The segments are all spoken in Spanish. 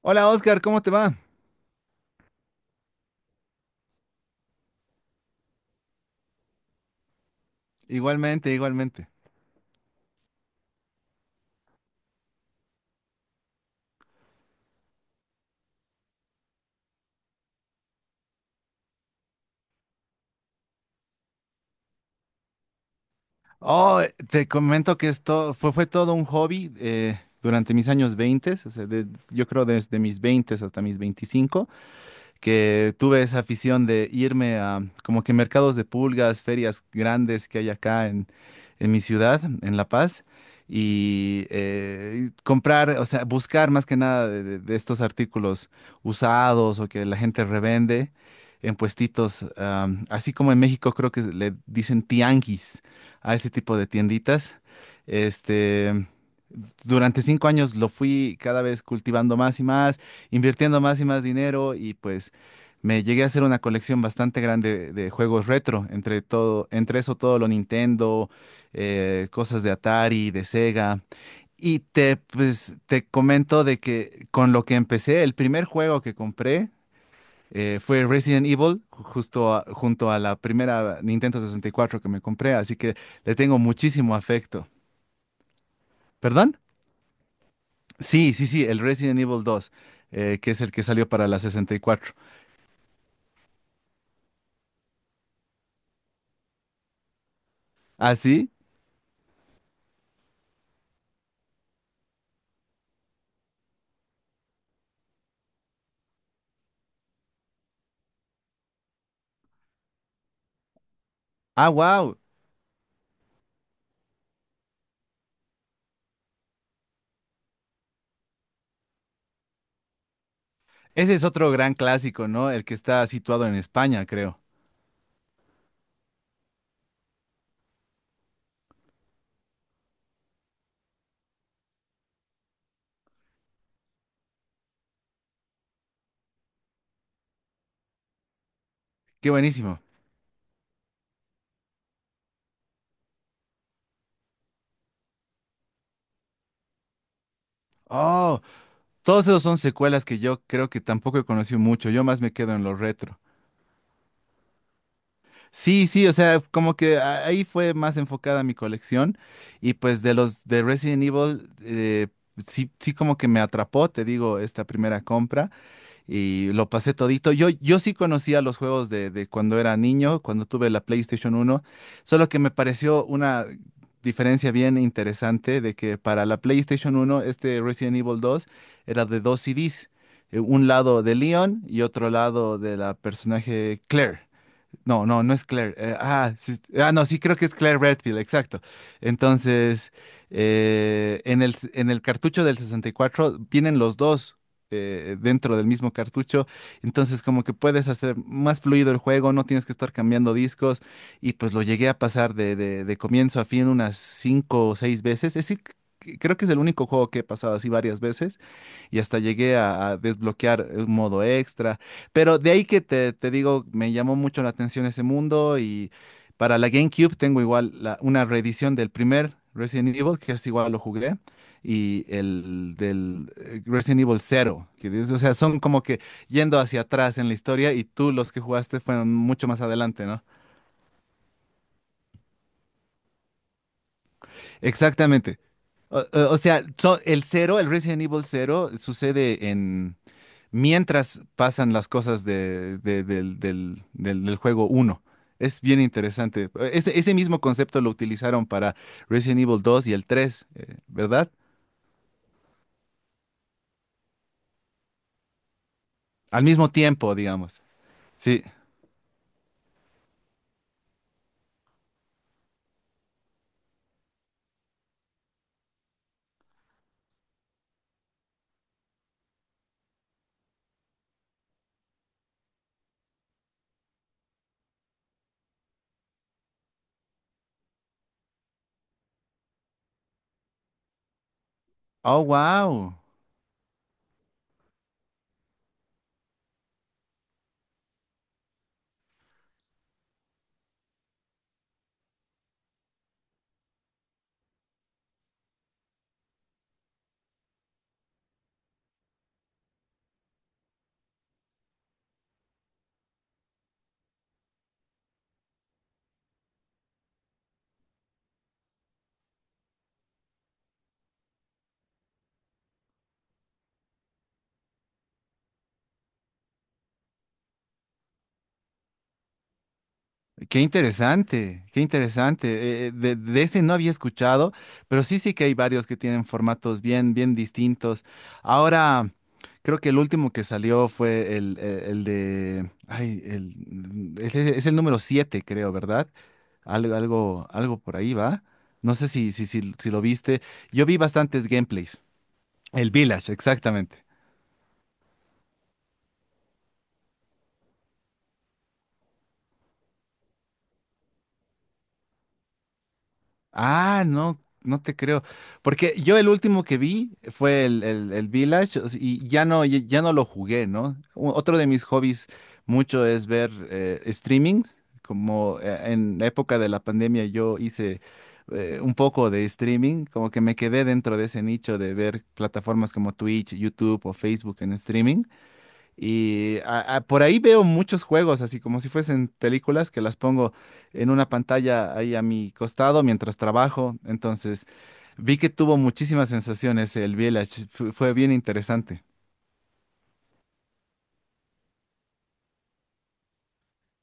Hola Oscar, ¿cómo te va? Igualmente, igualmente. Oh, Te comento que esto fue todo un hobby durante mis años 20, o sea, yo creo desde mis 20 hasta mis veinticinco, que tuve esa afición de irme a como que mercados de pulgas, ferias grandes que hay acá en mi ciudad, en La Paz, y comprar, o sea, buscar más que nada de estos artículos usados o que la gente revende en puestitos, así como en México creo que le dicen tianguis a ese tipo de tienditas. Este, Durante cinco años lo fui cada vez cultivando más y más, invirtiendo más y más dinero y pues me llegué a hacer una colección bastante grande de juegos retro, entre todo, entre eso todo lo Nintendo, cosas de Atari, de Sega. Te comento de que con lo que empecé, el primer juego que compré fue Resident Evil, justo junto a la primera Nintendo 64 que me compré, así que le tengo muchísimo afecto. ¿Perdón? Sí, sí, sí, el Resident Evil dos, que es el que salió para la 64. ¿Ah, sí? Ah, wow. Ese es otro gran clásico, ¿no? El que está situado en España, creo. Qué buenísimo. Oh, todos esos son secuelas que yo creo que tampoco he conocido mucho. Yo más me quedo en lo retro. Sí, sí, o sea, como que ahí fue más enfocada mi colección. Y pues de los de Resident Evil, sí, sí, como que me atrapó, te digo, esta primera compra, y lo pasé todito. Yo sí conocía los juegos de cuando era niño, cuando tuve la PlayStation uno, solo que me pareció una diferencia bien interesante de que para la PlayStation uno este Resident Evil 2 era de dos CDs, un lado de Leon y otro lado de la personaje Claire. No, no, no es Claire. Sí, no, sí, creo que es Claire Redfield, exacto. Entonces, en en el cartucho del 64 vienen los dos, dentro del mismo cartucho. Entonces, como que puedes hacer más fluido el juego, no tienes que estar cambiando discos. Y pues lo llegué a pasar de comienzo a fin unas cinco o seis veces. Es decir, creo que es el único juego que he pasado así varias veces, y hasta llegué a desbloquear un modo extra. Pero de ahí que te digo, me llamó mucho la atención ese mundo, y para la GameCube tengo igual una reedición del primer Resident Evil, que es igual lo jugué, y el del Resident Evil cero que dices, o sea, son como que yendo hacia atrás en la historia, y tú los que jugaste fueron mucho más adelante, ¿no? Exactamente. O sea, el cero, el Resident Evil cero, sucede en mientras pasan las cosas del juego uno. Es bien interesante. Ese mismo concepto lo utilizaron para Resident Evil 2 y el 3, ¿verdad? Al mismo tiempo, digamos. Sí. Oh, wow. Qué interesante, qué interesante. De ese no había escuchado, pero sí, sí que hay varios que tienen formatos bien, bien distintos. Ahora, creo que el último que salió fue el de, ay, el, es, e, es el número 7, creo, ¿verdad? Algo, algo, algo por ahí va. No sé si lo viste. Yo vi bastantes gameplays. El Village, exactamente. Ah, no, no te creo. Porque yo el último que vi fue el Village, o sea, y ya no, ya ya no lo jugué, ¿no? Otro de mis hobbies mucho es ver streaming. Como en la época de la pandemia yo hice un poco de streaming, como que me quedé dentro de ese nicho de ver plataformas como Twitch, YouTube o Facebook en streaming. Y por ahí veo muchos juegos, así como si fuesen películas, que las pongo en una pantalla ahí a mi costado mientras trabajo. Entonces, vi que tuvo muchísimas sensaciones el Village. Fue bien interesante.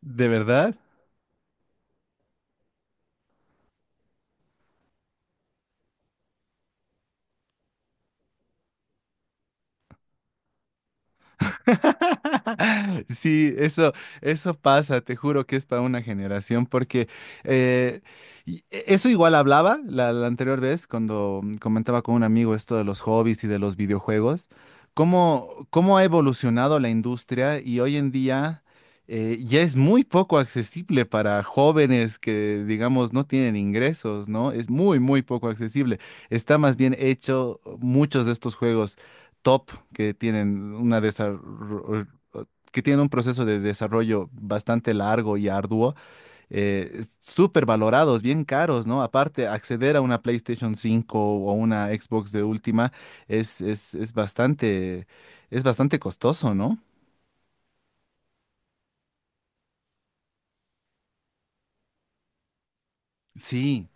¿De verdad? Sí, eso pasa, te juro que es para una generación, porque eh, eso igual hablaba la anterior vez cuando comentaba con un amigo esto de los hobbies y de los videojuegos, cómo, cómo ha evolucionado la industria, y hoy en día ya es muy poco accesible para jóvenes que, digamos, no tienen ingresos, ¿no? Es muy, muy poco accesible. Está más bien hecho muchos de estos juegos top que tienen una que tienen un proceso de desarrollo bastante largo y arduo, súper valorados, bien caros, ¿no? Aparte, acceder a una PlayStation cinco o una Xbox de última es, es, es bastante, es bastante costoso, ¿no? Sí.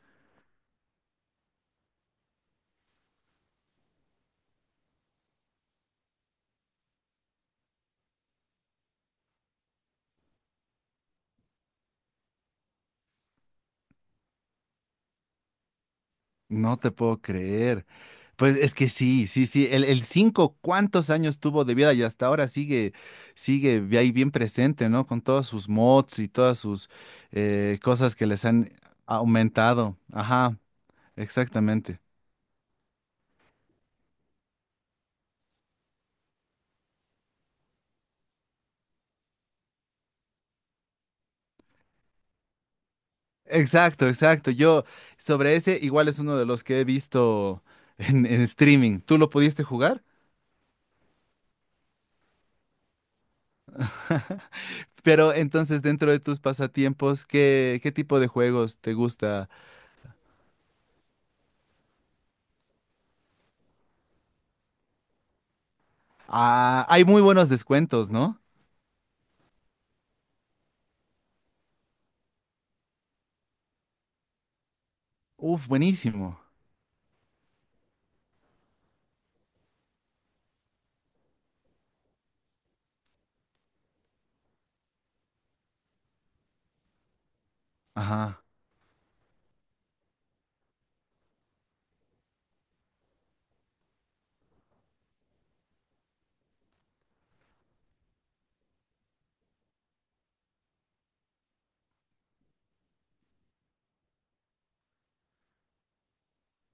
No te puedo creer. Pues es que sí, sí, sí. El 5, ¿cuántos años tuvo de vida? Y hasta ahora sigue, ahí bien presente, ¿no? Con todos sus mods y todas sus cosas que les han aumentado. Ajá, exactamente. Exacto, exacto. Yo sobre ese igual es uno de los que he visto en streaming. ¿Tú lo pudiste jugar? Pero entonces dentro de tus pasatiempos, ¿qué, qué tipo de juegos te gusta? Ah, hay muy buenos descuentos, ¿no? Uf, buenísimo. Ajá.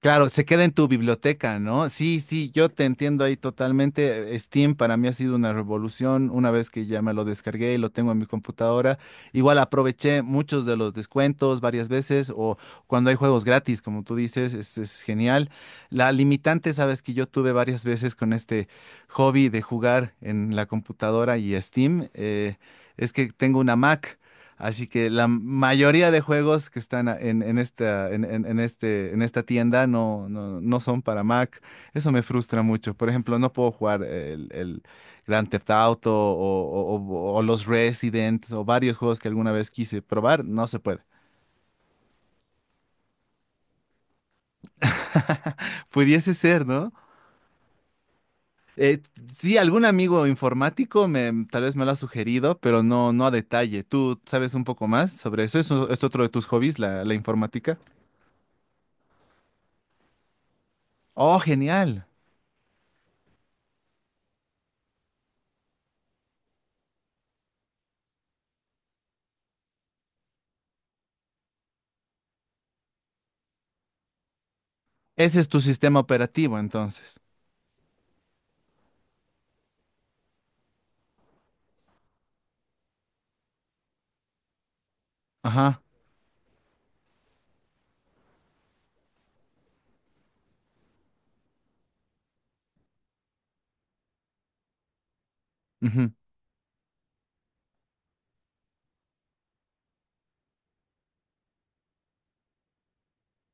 Claro, se queda en tu biblioteca, ¿no? Sí, sí, yo te entiendo ahí totalmente. Steam para mí ha sido una revolución. Una vez que ya me lo descargué y lo tengo en mi computadora, igual aproveché muchos de los descuentos varias veces, o cuando hay juegos gratis, como tú dices, es genial. La limitante, sabes que yo tuve varias veces con este hobby de jugar en la computadora y Steam, es que tengo una Mac. Así que la mayoría de juegos que están en este, en esta tienda no son para Mac. Eso me frustra mucho. Por ejemplo, no puedo jugar el Grand Theft Auto o los Resident o varios juegos que alguna vez quise probar. No se puede. Pudiese ser, ¿no? Eh, sí, algún amigo informático me, tal vez me lo ha sugerido, pero no, no a detalle. ¿Tú sabes un poco más sobre eso? ¿Eso es otro de tus hobbies, la informática? Oh, genial. Ese es tu sistema operativo, entonces. Ajá. Ujú.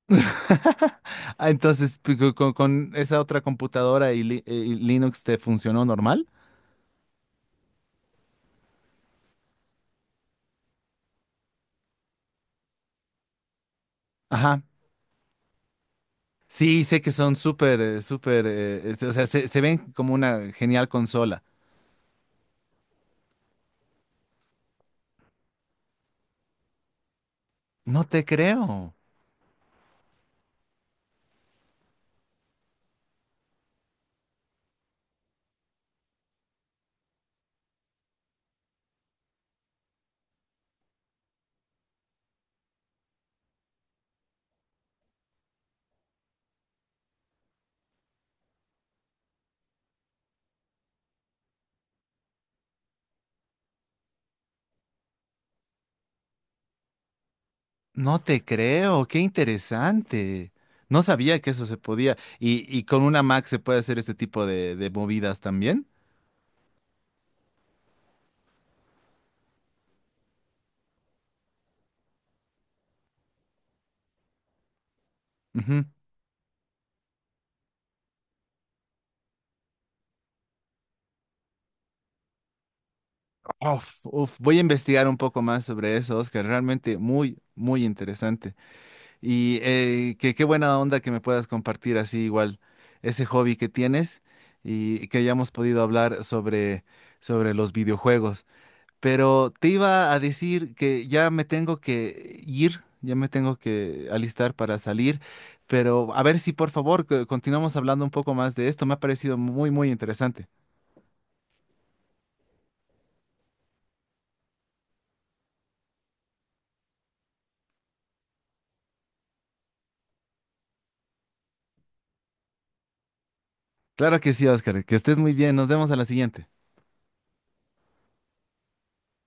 Ah, entonces, con esa otra computadora y, y Linux te funcionó normal. Ajá. Sí, sé que son súper, súper, o sea, se ven como una genial consola. No te creo, no te creo, qué interesante. No sabía que eso se podía. Y con una Mac se puede hacer este tipo de movidas también. Uf, uf, voy a investigar un poco más sobre eso, Oscar. Realmente muy, muy interesante. Y qué buena onda que me puedas compartir así igual ese hobby que tienes, y que hayamos podido hablar sobre, sobre los videojuegos. Pero te iba a decir que ya me tengo que ir, ya me tengo que alistar para salir. Pero a ver si por favor que continuamos hablando un poco más de esto. Me ha parecido muy, muy interesante. Claro que sí, Oscar. Que estés muy bien. Nos vemos a la siguiente.